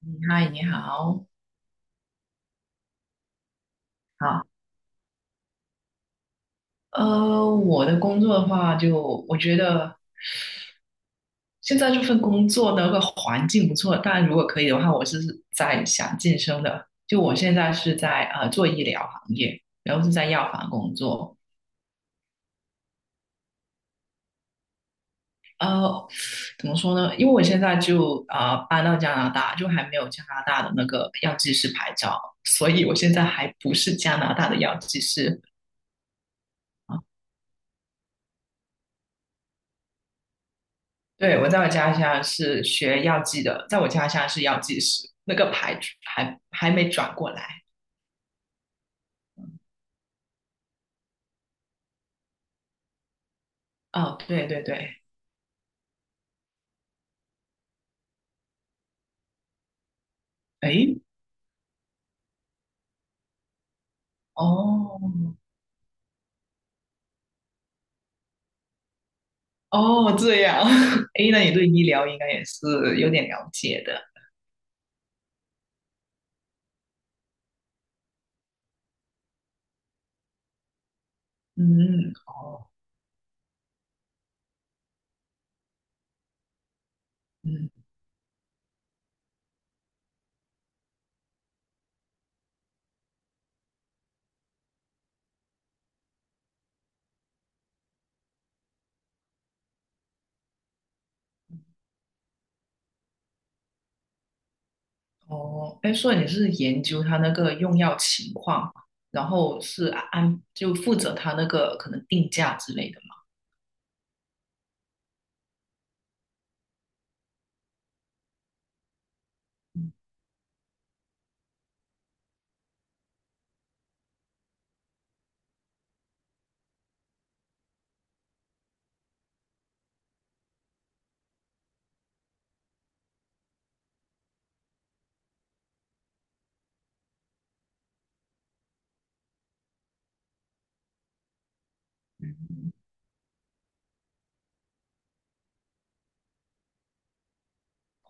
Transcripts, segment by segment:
嗯嗨，你好。好。我的工作的话就，我觉得现在这份工作的那个环境不错，但如果可以的话，我是在想晋升的。就我现在是在做医疗行业，然后是在药房工作。呃，怎么说呢？因为我现在就搬到加拿大，就还没有加拿大的那个药剂师牌照，所以我现在还不是加拿大的药剂师。啊对，我在我家乡是学药剂的，在我家乡是药剂师，那个牌还没转过来。哦，对对对。诶，哦哦，这样。诶，那你对医疗应该也是有点了解的。嗯，哦。嗯，哦。哎，所以你是研究他那个用药情况，然后是安就负责他那个可能定价之类的。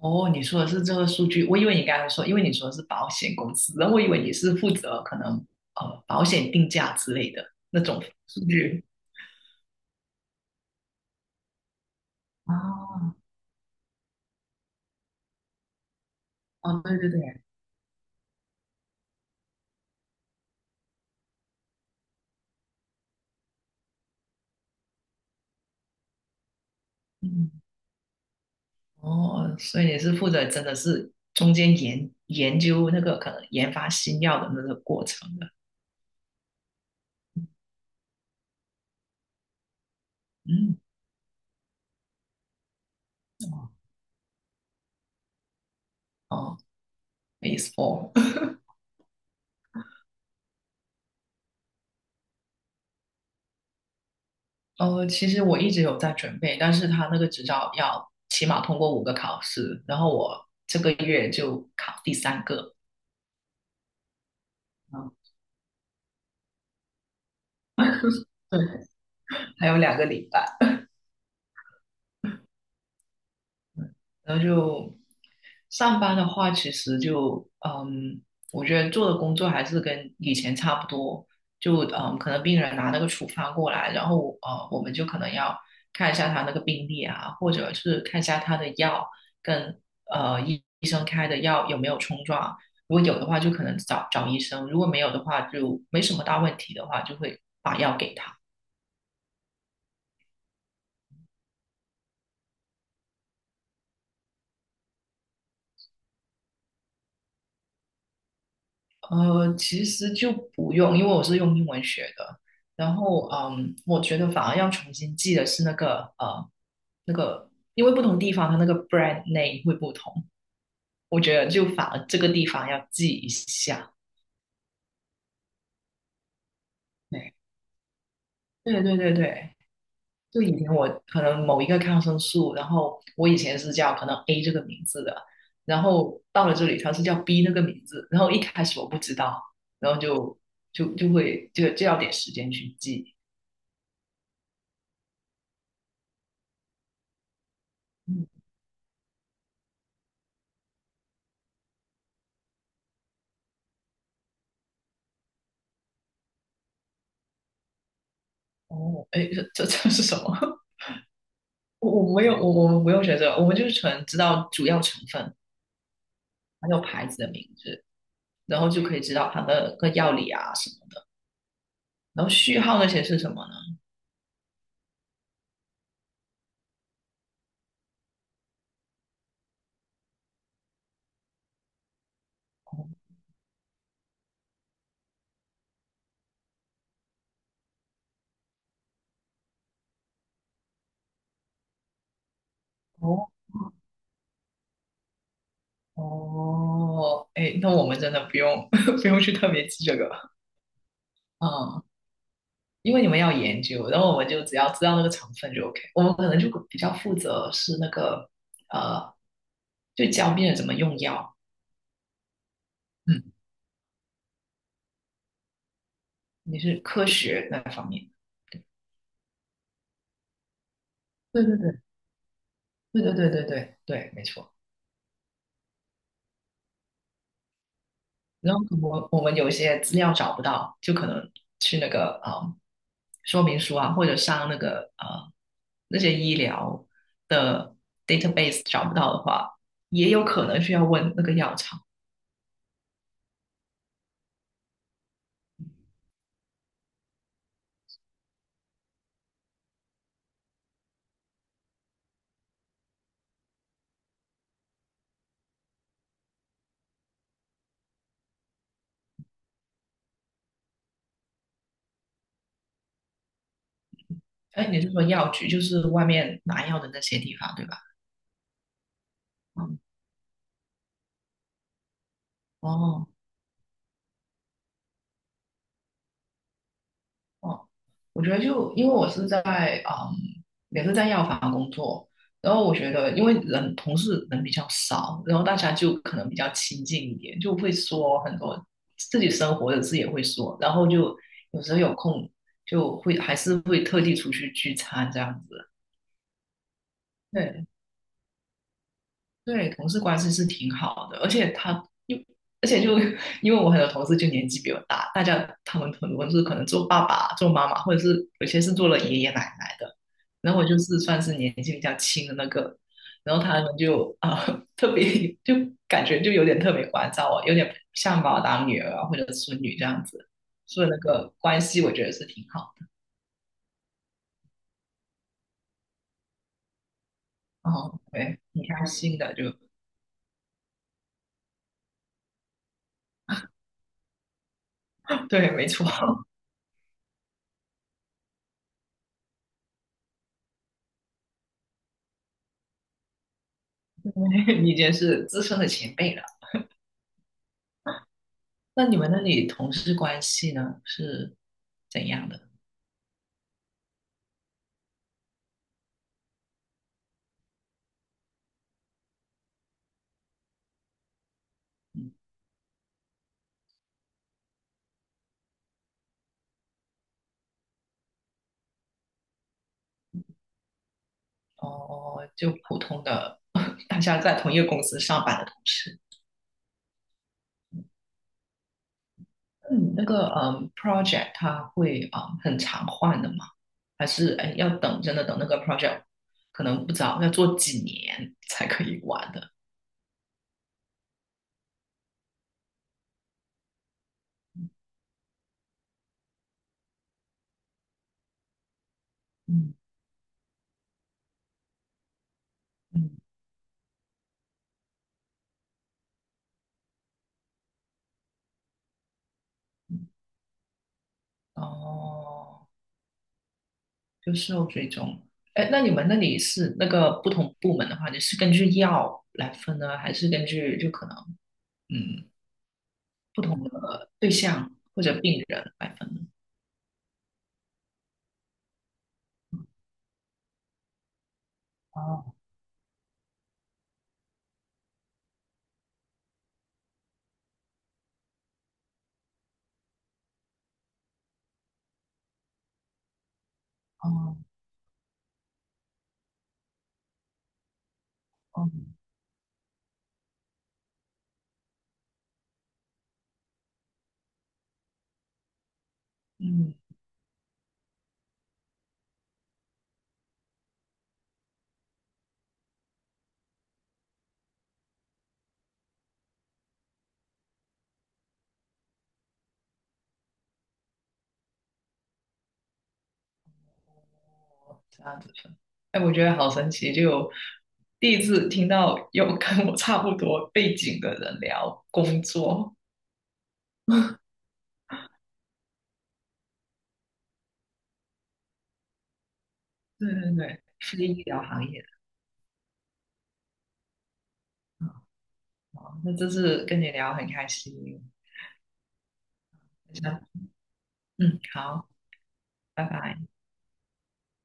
哦，你说的是这个数据，我以为你刚才说，因为你说的是保险公司，然后我以为你是负责可能保险定价之类的那种数据。哦，哦，对对对，嗯。哦，所以你是负责真的是中间研究那个可能研发新药的那个过程的。嗯，哦。 PHASFOR。 其实我一直有在准备，但是他那个执照要起码通过5个考试，然后我这个月就考第3个。嗯，对。还有2个礼拜。然后就上班的话，其实就我觉得做的工作还是跟以前差不多，就可能病人拿那个处方过来，然后我们就可能要看一下他那个病历啊，或者是看一下他的药跟医生开的药有没有冲撞，如果有的话就可能找找医生，如果没有的话就没什么大问题的话，就会把药给他。其实就不用，因为我是用英文学的。然后，我觉得反而要重新记的是那个，那个，因为不同地方它那个 brand name 会不同，我觉得就反而这个地方要记一下。对，对对对对，就以前我可能某一个抗生素，然后我以前是叫可能 A 这个名字的，然后到了这里它是叫 B 那个名字，然后一开始我不知道，然后就会就要点时间去记。嗯哦，哎，这是什么？我没有，我们不用学这个，我们就是纯知道主要成分，还有牌子的名字，然后就可以知道它的个药理啊什么的，然后序号那些是什么呢？哦哦哦，哎，那我们真的不用 不用去特别记这个。嗯，因为你们要研究，然后我们就只要知道那个成分就 OK,我们可能就比较负责是那个呃，就教病人怎么用药。嗯，你是科学那方面。对对对，对对对对对对，没错。然后我们有一些资料找不到，就可能去那个说明书啊，或者上那个那些医疗的 database 找不到的话，也有可能需要问那个药厂。哎，你是说药局，就是外面拿药的那些地方，对吧？嗯，哦。哦，我觉得就因为我是在嗯，也是在药房工作，然后我觉得因为人同事人比较少，然后大家就可能比较亲近一点，就会说很多自己生活的事也会说，然后就有时候有空就会还是会特地出去聚餐这样子。对，对，同事关系是挺好的。而且又就因为我很多同事就年纪比我大，他们很多是可能做爸爸、做妈妈，或者是有些是做了爷爷奶奶的，然后我就是算是年纪比较轻的那个，然后他们就特别就感觉就有点特别关照我，有点像把我当女儿啊或者孙女这样子，所以那个关系我觉得是挺好的。哦，对，挺开心的，就 对，没错。你已经是资深的前辈了。那你们那里同事关系呢是怎样的？嗯，哦，就普通的 大家在同一个公司上班的同事。那你那个project 它会很常换的吗？还是哎要等真的等那个 project 可能不早要做几年才可以完的？嗯嗯嗯，哦，就事后追踪。哎，那你们那里是那个不同部门的话，你是根据药来分呢，还是根据就可能？嗯，不同的对象或者病人来分的。哦哦哦，嗯，哦这样子分。哎，我觉得好神奇，就有第一次听到有跟我差不多背景的人聊工作。对对对，非医疗行业的。好，那这次跟你聊很开心。那嗯，好，拜拜。